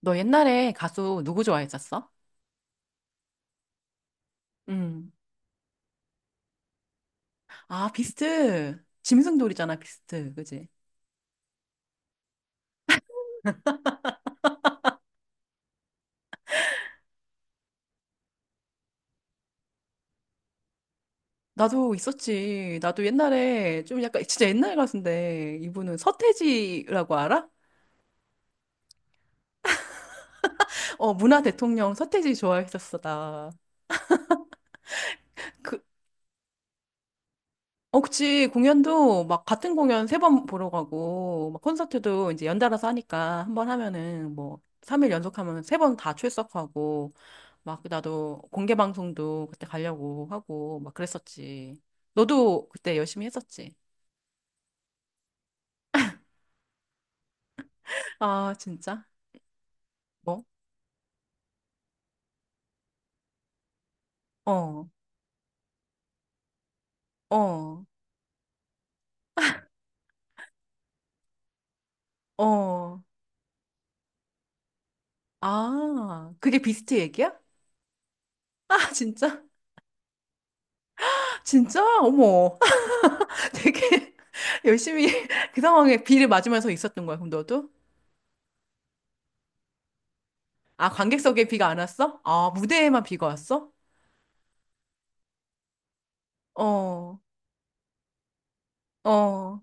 너 옛날에 가수 누구 좋아했었어? 음. 아, 비스트. 짐승돌이잖아, 비스트. 그지? 나도 있었지. 나도 옛날에 좀 약간 진짜 옛날 가수인데 이분은 서태지라고 알아? 어, 문화 대통령 서태지 좋아했었어, 나. 그 어, 그치. 공연도 막 같은 공연 세 번 보러 가고, 막 콘서트도 이제 연달아서 하니까 한 번 하면은 뭐, 3일 연속하면 세 번 다 출석하고, 막 나도 공개 방송도 그때 가려고 하고, 막 그랬었지. 너도 그때 열심히 했었지. 아, 진짜? 뭐? 어, 어, 어. 아, 그게 비스트 얘기야? 아, 진짜? 진짜? 어머. 되게 열심히 그 상황에 비를 맞으면서 있었던 거야, 그럼 너도? 아, 관객석에 비가 안 왔어? 아, 무대에만 비가 왔어? 어, 어.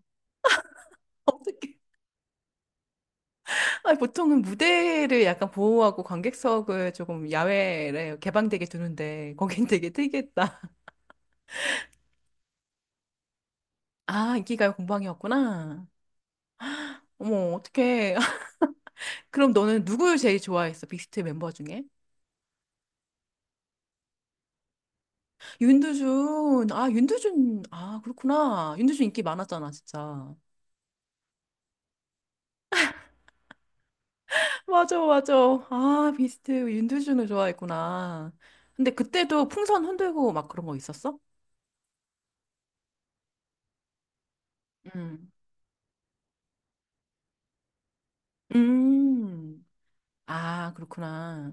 어떻게? 아, 보통은 무대를 약간 보호하고 관객석을 조금 야외에 개방되게 두는데 거긴 되게 특이했다. 아, 인기가요 공방이었구나. 어머, 어떡해. 그럼 너는 누구 제일 좋아했어? 빅스트 멤버 중에? 윤두준. 아, 윤두준. 아, 그렇구나. 윤두준 인기 많았잖아, 진짜. 맞아, 맞아. 아, 비스트 윤두준을 좋아했구나. 근데 그때도 풍선 흔들고 막 그런 거 있었어? 음. 음. 아, 그렇구나.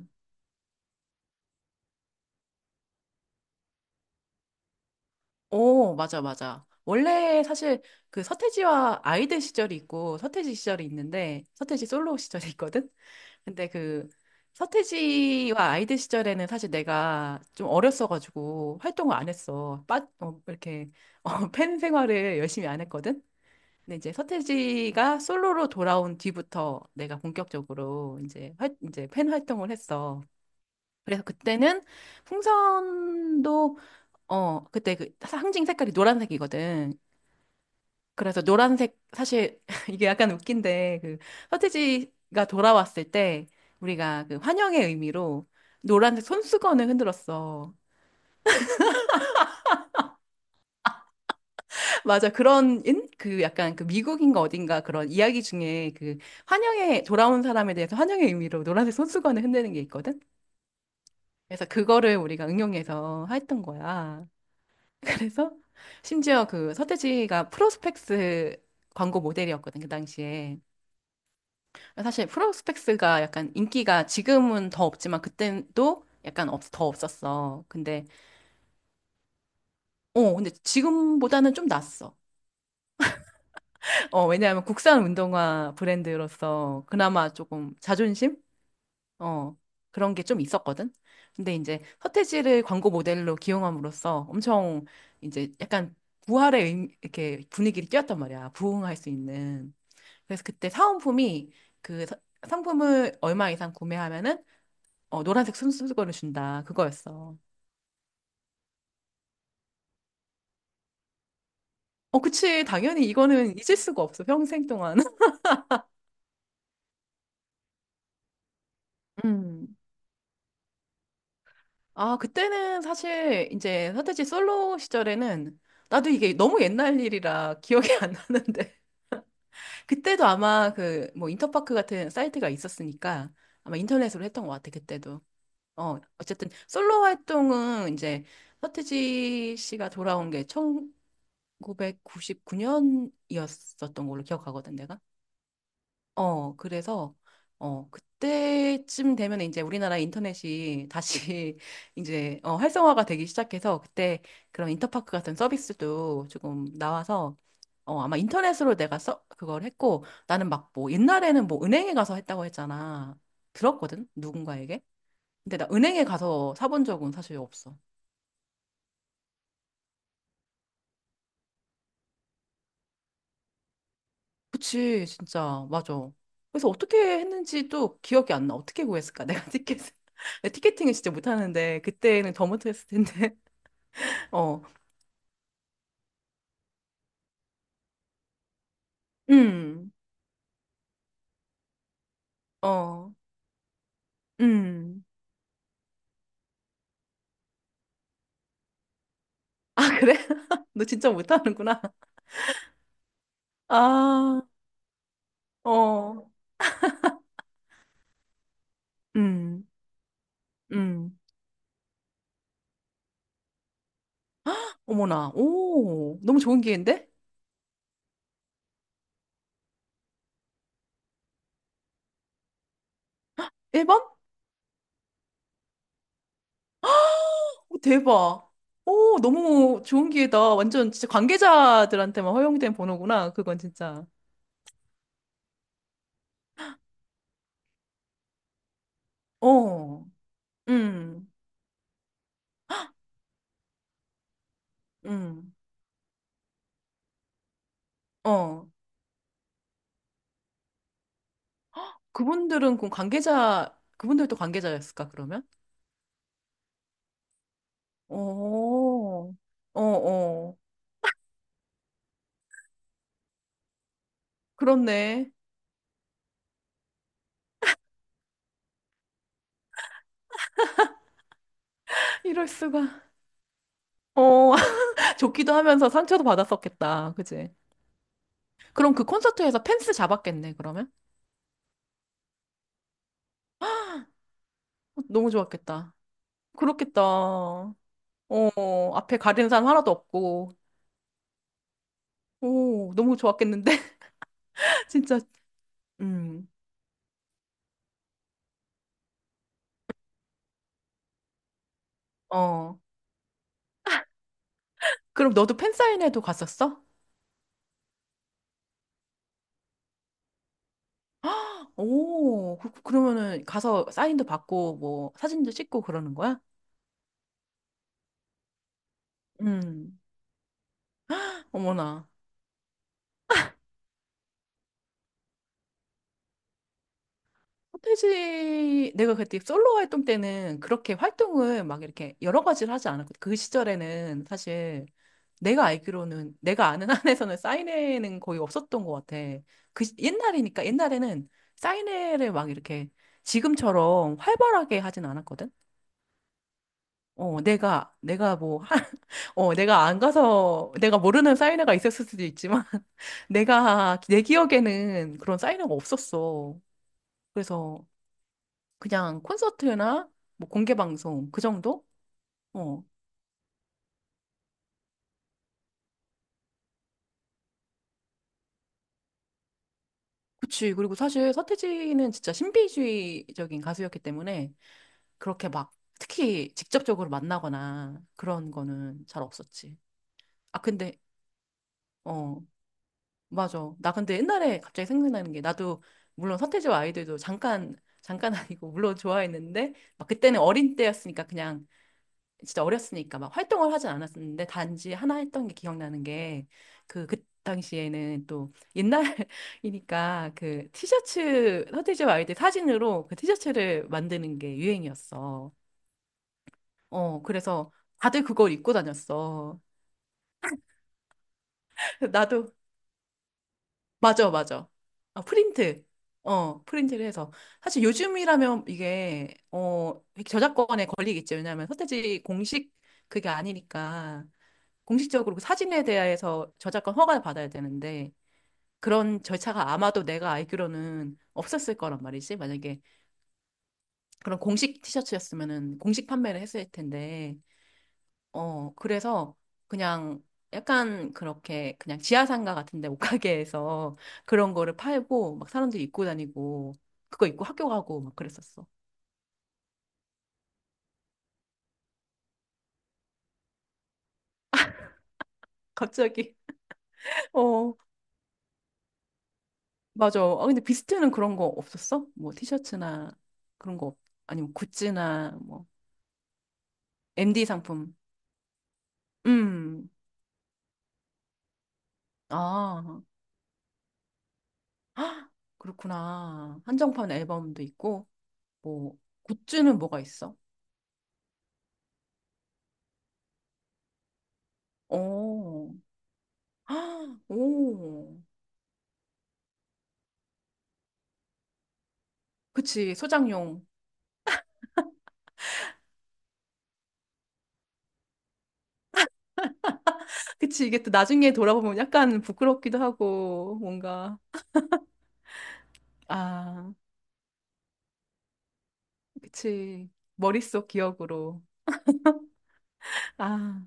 오, 맞아, 맞아. 원래 사실 그 서태지와 아이들 시절이 있고 서태지 시절이 있는데 서태지 솔로 시절이 있거든? 근데 그 서태지와 아이들 시절에는 사실 내가 좀 어렸어가지고 활동을 안 했어. 이렇게 어, 팬 생활을 열심히 안 했거든? 근데 이제 서태지가 솔로로 돌아온 뒤부터 내가 본격적으로 이제 팬 활동을 했어. 그래서 그때는 풍선도 어 그때 그 상징 색깔이 노란색이거든. 그래서 노란색 사실 이게 약간 웃긴데 그 서태지가 돌아왔을 때 우리가 그 환영의 의미로 노란색 손수건을 흔들었어. 맞아. 그런, 인? 그 약간 그 미국인가 어딘가 그런 이야기 중에 그 환영에, 돌아온 사람에 대해서 환영의 의미로 노란색 손수건을 흔드는 게 있거든? 그래서 그거를 우리가 응용해서 했던 거야. 그래서 심지어 그 서태지가 프로스펙스 광고 모델이었거든, 그 당시에. 사실 프로스펙스가 약간 인기가 지금은 더 없지만 그땐 또 약간 없, 더 없었어. 근데, 어, 근데 지금보다는 좀 낫어. 어, 왜냐하면 국산 운동화 브랜드로서 그나마 조금 자존심? 어, 그런 게 좀 있었거든. 근데 이제 서태지를 광고 모델로 기용함으로써 엄청 이제 약간 이렇게 분위기를 띄웠단 말이야. 부흥할 수 있는. 그래서 그때 사은품이 그 사- 상품을 얼마 이상 구매하면은 어, 노란색 손수건을 준다. 그거였어. 어, 그치. 당연히 이거는 잊을 수가 없어. 평생 동안. 음. 아, 그때는 사실 이제 서태지 솔로 시절에는 나도 이게 너무 옛날 일이라 기억이 안 나는데 그때도 아마 그 뭐 인터파크 같은 사이트가 있었으니까 아마 인터넷으로 했던 것 같아, 그때도. 어, 어쨌든 솔로 활동은 이제 서태지 씨가 돌아온 게 1999년이었었던 걸로 기억하거든, 내가. 어, 그래서, 어, 그때쯤 되면 이제 우리나라 인터넷이 다시 이제, 어, 활성화가 되기 시작해서 그때 그런 인터파크 같은 서비스도 조금 나와서, 어, 아마 인터넷으로 그걸 했고, 나는 막 뭐, 옛날에는 뭐 은행에 가서 했다고 했잖아. 들었거든? 누군가에게. 근데 나 은행에 가서 사본 적은 사실 없어. 그치, 진짜. 맞아. 그래서 어떻게 했는지도 기억이 안 나. 어떻게 구했을까? 내가 티켓을. 내 티켓팅을 진짜 못하는데, 그때는 더 못했을 텐데. 어, 음, 어, 음. 아, 그래? 너 진짜 못하는구나. 아, 어, 음, 음. 어머나. 오, 너무 좋은 기회인데? 1번? 오, 대박. 오, 너무 좋은 기회다. 완전 진짜 관계자들한테만 허용된 번호구나. 그건 진짜. 어, 음. 음. 어. 그분들은 그럼 관계자, 그분들도 관계자였을까, 그러면? 어, 어, 어. 그렇네. 이럴 수가. 어, 좋기도 하면서 상처도 받았었겠다. 그지? 그럼 그 콘서트에서 펜스 잡았겠네, 그러면? 어, 너무 좋았겠다. 그렇겠다. 어, 앞에 가리는 사람 하나도 없고. 오, 너무 좋았겠는데? 진짜. 음, 어. 그럼 너도 팬사인회도 갔었어? 오, 그러면은 가서 사인도 받고 뭐 사진도 찍고 그러는 거야? 음. 어머나. 서태지 내가 그때 솔로 활동 때는 그렇게 활동을 막 이렇게 여러 가지를 하지 않았거든. 그 시절에는 사실 내가 알기로는 내가 아는 한에서는 사인회는 거의 없었던 것 같아. 옛날이니까 옛날에는 사인회를 막 이렇게 지금처럼 활발하게 하진 않았거든. 어, 내가 뭐 어, 내가 안 가서, 내가 모르는 사인회가 있었을 수도 있지만, 내가, 내 기억에는 그런 사인회가 없었어. 그래서 그냥 콘서트나 뭐 공개 방송, 그 정도? 어, 그치. 그리고 사실 서태지는 진짜 신비주의적인 가수였기 때문에, 그렇게 막, 특히 직접적으로 만나거나 그런 거는 잘 없었지. 아, 근데, 어, 맞아. 나 근데 옛날에 갑자기 생각나는 게 나도 물론 서태지와 아이들도 잠깐 아니고 물론 좋아했는데 막 그때는 어린 때였으니까 그냥 진짜 어렸으니까 막 활동을 하진 않았었는데 단지 하나 했던 게 기억나는 게 그 당시에는 또 옛날이니까 그 티셔츠 서태지와 아이들 사진으로 그 티셔츠를 만드는 게 유행이었어. 어 그래서 다들 그걸 입고 다녔어. 나도 맞아, 맞아. 아, 프린트. 어, 프린트를 해서. 사실 요즘이라면 이게, 어, 저작권에 걸리겠죠. 왜냐하면 서태지 공식 그게 아니니까. 공식적으로 그 사진에 대해서 저작권 허가를 받아야 되는데, 그런 절차가 아마도 내가 알기로는 없었을 거란 말이지. 만약에 그런 공식 티셔츠였으면은 공식 판매를 했을 텐데, 어, 그래서 그냥 약간 그렇게 그냥 지하상가 같은데 옷가게에서 그런 거를 팔고 막 사람들이 입고 다니고 그거 입고 학교 가고 막 그랬었어. 갑자기. 어, 맞아. 아, 근데 비스트는 그런 거 없었어? 뭐 티셔츠나 그런 거 없- 아니면 굿즈나 뭐 MD 상품. 음. 아. 헉, 그렇구나. 한정판 앨범도 있고 뭐 굿즈는 뭐가 있어? 오. 아, 오. 그치, 소장용. 그치, 이게 또 나중에 돌아보면 약간 부끄럽기도 하고, 뭔가, 아, 그치. 머릿속 기억으로. 아,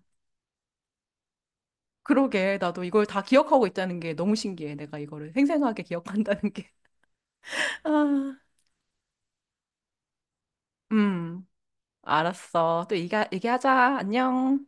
그러게. 나도 이걸 다 기억하고 있다는 게 너무 신기해. 내가 이거를 생생하게 기억한다는 게. 아, 음, 알았어. 얘기하자. 안녕.